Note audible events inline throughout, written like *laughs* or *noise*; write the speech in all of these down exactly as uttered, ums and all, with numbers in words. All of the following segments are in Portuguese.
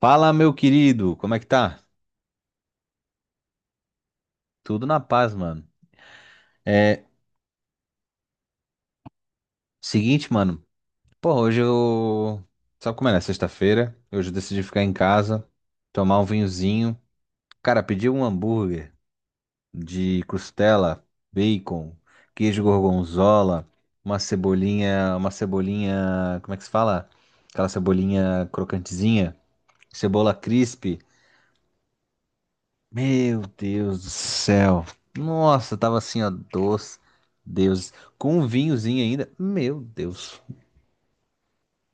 Fala, meu querido, como é que tá? Tudo na paz, mano. É, seguinte, mano. Pô, hoje eu. Sabe como é, né? Sexta-feira. Hoje eu decidi ficar em casa, tomar um vinhozinho. Cara, pedi um hambúrguer de costela, bacon, queijo gorgonzola, uma cebolinha. Uma cebolinha. Como é que se fala? Aquela cebolinha crocantezinha. Cebola crisp. Meu Deus do céu. Nossa, tava assim, ó, doce. Deus, com um vinhozinho ainda. Meu Deus.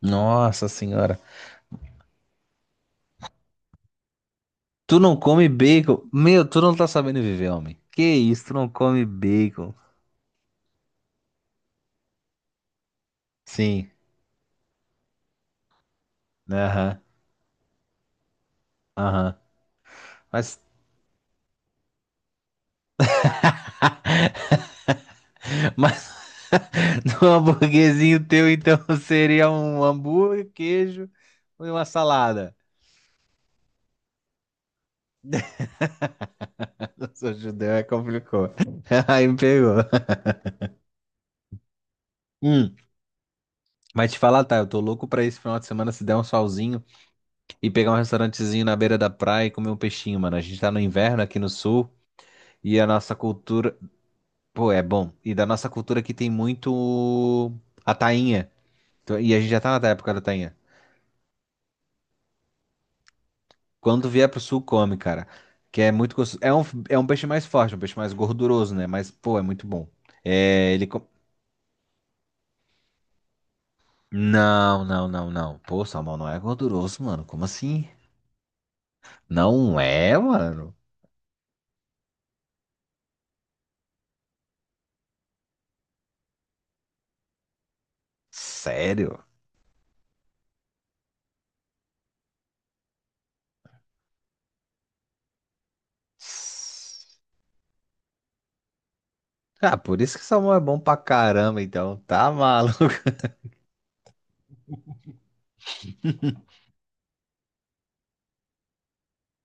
Nossa senhora. Tu não come bacon? Meu, tu não tá sabendo viver, homem. Que isso, tu não come bacon? Sim. Aham. Aham. Mas, mas *laughs* no hamburguerzinho teu, então, *laughs* seria um hambúrguer, queijo e uma salada. *laughs* Eu sou judeu, é complicou. *laughs* Aí me pegou. Hum. Mas te falar, tá, eu tô louco pra esse final de semana se der um solzinho e pegar um restaurantezinho na beira da praia e comer um peixinho, mano. A gente tá no inverno aqui no sul e a nossa cultura, pô, é bom. E da nossa cultura aqui tem muito a tainha. Então, E a gente já tá na época da tainha. Quando vier pro sul, come, cara. Que é muito gostoso. É um, é um peixe mais forte, um peixe mais gorduroso, né? Mas, pô, é muito bom. É, ele. co- Não, não, não, não. Pô, salmão não é gorduroso, mano. Como assim? Não é, mano. Sério? Ah, por isso que salmão é bom pra caramba, então. Tá maluco. *laughs*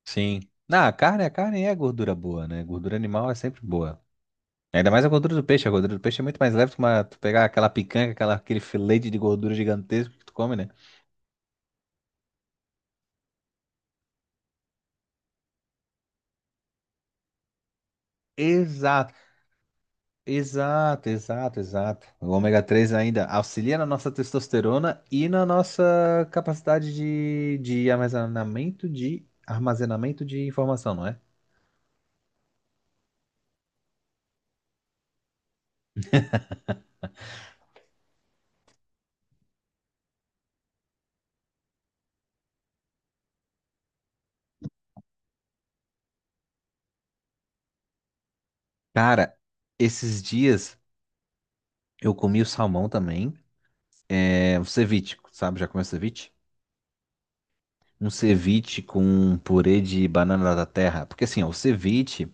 Sim. na a carne, a carne é gordura boa, né? Gordura animal é sempre boa. Ainda mais a gordura do peixe. A gordura do peixe é muito mais leve que uma, tu pegar aquela picanha, aquela, aquele filete de gordura gigantesco que tu come, né? Exato, exato, exato, exato. O ômega três ainda auxilia na nossa testosterona e na nossa capacidade de, de armazenamento de armazenamento de informação, não é? Cara, esses dias Eu comi o salmão também. É, o ceviche, sabe? Já comeu ceviche? Um ceviche com um purê de banana da terra. Porque assim, ó, o ceviche,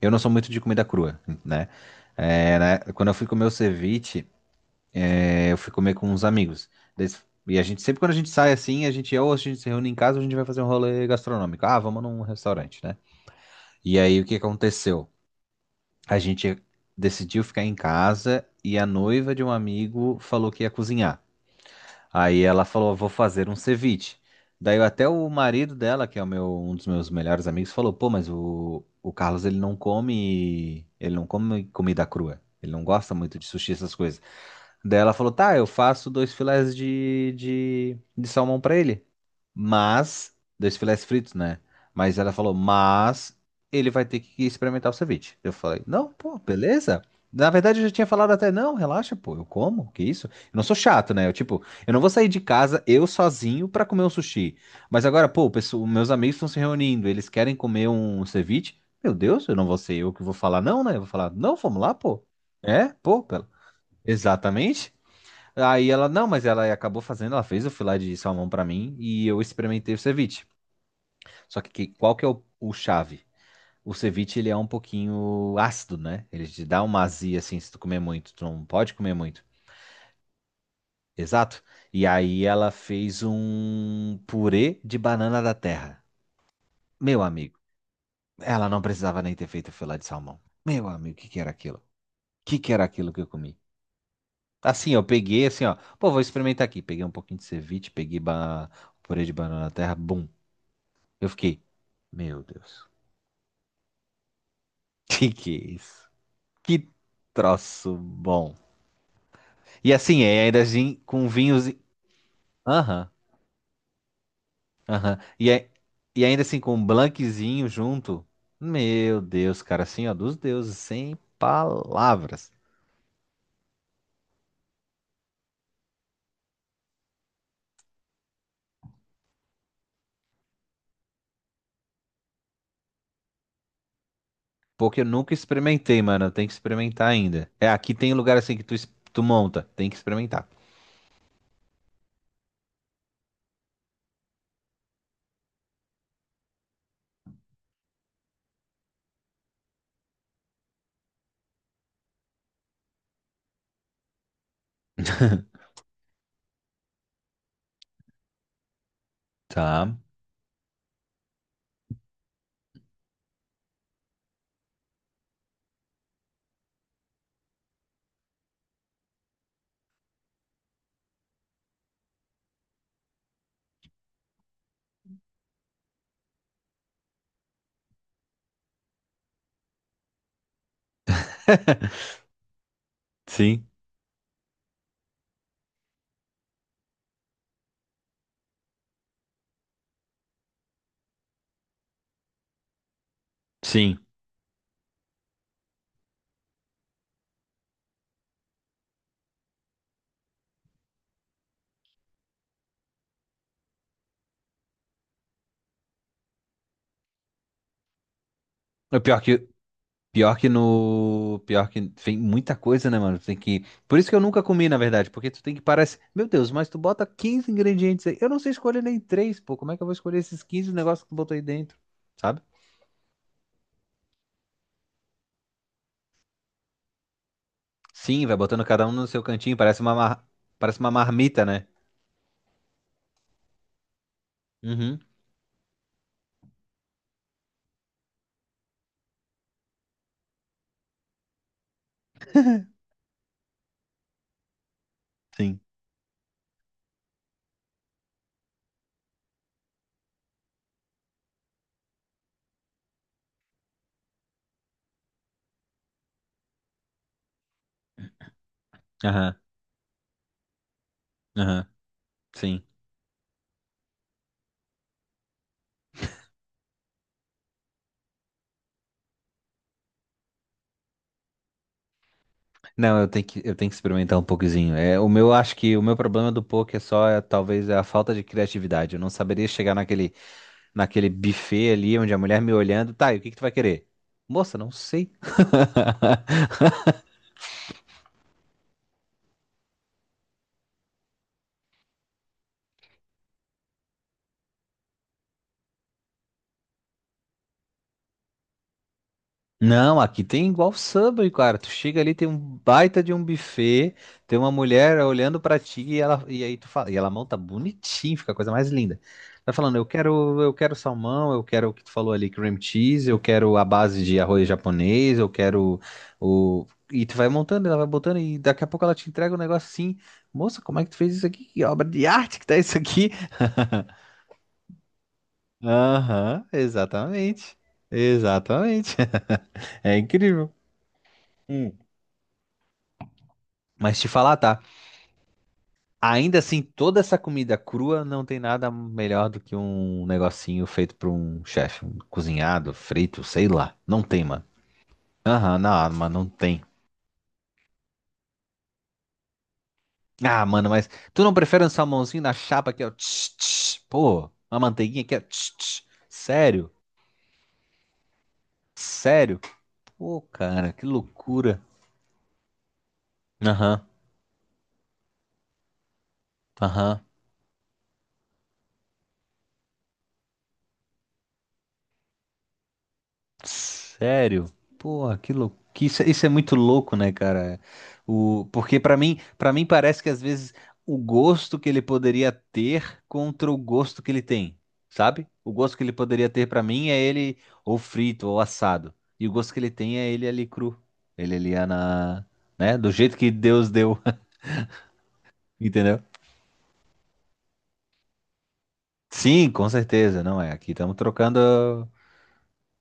eu não sou muito de comida crua, né? É, né? Quando eu fui comer o ceviche, é, eu fui comer com uns amigos. Eles- E a gente, sempre quando a gente sai assim, a gente ou a gente se reúne em casa ou a gente vai fazer um rolê gastronômico. Ah, vamos num restaurante, né? E aí o que aconteceu? A gente decidiu ficar em casa e a noiva de um amigo falou que ia cozinhar. Aí ela falou, vou fazer um ceviche. Daí até o marido dela, que é o meu, um dos meus melhores amigos, falou, pô, mas o, o Carlos, ele não come, ele não come comida crua. Ele não gosta muito de sushi, essas coisas. Daí ela falou, tá, eu faço dois filés de, de, de salmão pra ele. Mas, dois filés fritos, né? Mas ela falou, mas ele vai ter que experimentar o ceviche. Eu falei, não, pô, beleza. Na verdade, eu já tinha falado até, não, relaxa, pô, eu como, que isso? Eu não sou chato, né? Eu, tipo, eu não vou sair de casa eu sozinho pra comer um sushi. Mas agora, pô, o pessoal- meus amigos estão se reunindo, eles querem comer um ceviche. Meu Deus, eu não vou ser eu que vou falar, não, né? Eu vou falar, não, vamos lá, pô. É, pô, pela, exatamente. Aí ela, não, mas ela acabou fazendo, ela fez o filé de salmão pra mim e eu experimentei o ceviche. Só que, que- qual que é o, o chave? O ceviche, ele é um pouquinho ácido, né? Ele te dá uma azia, assim, se tu comer muito. Tu não pode comer muito. Exato. E aí ela fez um purê de banana da terra. Meu amigo, ela não precisava nem ter feito o filé de salmão. Meu amigo, o que que era aquilo? O que que era aquilo que eu comi? Assim, eu peguei, assim, ó. Pô, vou experimentar aqui. Peguei um pouquinho de ceviche, peguei ba- purê de banana da terra, bum. Eu fiquei, meu Deus, *laughs* que que é isso? Que troço bom. E assim, é, ainda assim, com vinhos. Aham, aham. E, é- e ainda assim, com um blanquezinho junto. Meu Deus, cara, assim, ó, dos deuses, sem palavras. Porque eu nunca experimentei, mano, eu tenho que experimentar ainda. É, aqui tem lugar assim que tu, es- tu monta, tem que experimentar. Tá. *laughs* Sim, sim. O pior que, pior que no. Pior que tem muita coisa, né, mano? Tem que. Por isso que eu nunca comi, na verdade, porque tu tem que parar. esse- Meu Deus, mas tu bota quinze ingredientes aí. Eu não sei escolher nem três, pô. Como é que eu vou escolher esses quinze negócios que tu botou aí dentro? Sabe? Sim, vai botando cada um no seu cantinho. Parece uma, mar... parece uma marmita, né? Uhum. Sim. Aham. Aham. Sim. Não, eu tenho que, eu tenho que experimentar um pouquinho. É, o meu, acho que o meu problema do poke é só, é, talvez, é a falta de criatividade. Eu não saberia chegar naquele naquele buffet ali, onde a mulher me olhando, tá, e o que que tu vai querer? Moça, não sei. Não, aqui tem igual Subway, cara. Tu chega ali, tem um baita de um buffet, tem uma mulher olhando pra ti e ela e aí tu fala, e ela monta bonitinho, fica a coisa mais linda. Tá falando, eu quero, eu quero salmão, eu quero o que tu falou ali, cream cheese, eu quero a base de arroz japonês, eu quero o e tu vai montando, ela vai botando e daqui a pouco ela te entrega um negócio assim, moça, como é que tu fez isso aqui? Que obra de arte que tá isso aqui? *laughs* Aham, exatamente. Exatamente. *laughs* É incrível. Hum. Mas te falar, tá? Ainda assim, toda essa comida crua não tem nada melhor do que um negocinho feito por um chefe, um cozinhado, frito, sei lá. Não tem, mano. Aham, não, mano, não tem. Ah, mano, mas tu não prefere um salmãozinho na chapa que é o tch, tch? Pô, uma manteiguinha que é tch, tch? Sério? Sério? Pô, cara, que loucura. Aham, aham. Sério? Porra, que louco. Isso, é, isso é muito louco, né, cara? O, porque pra mim, para mim parece que às vezes o gosto que ele poderia ter contra o gosto que ele tem, sabe? O gosto que ele poderia ter pra mim é ele ou frito ou assado. E o gosto que ele tem é ele ali cru. Ele ali é na, né, do jeito que Deus deu, *laughs* entendeu? Sim, com certeza, não é. Aqui estamos trocando,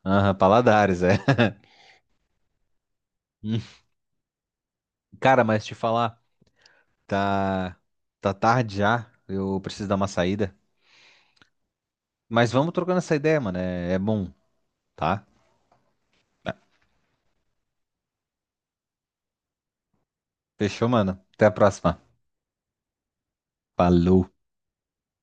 aham, paladares, é. *laughs* Cara, mas te falar. Tá, tá tarde já. Eu preciso dar uma saída. Mas vamos trocando essa ideia, mano. É, é bom, tá? Fechou, mano. Até a próxima. Falou.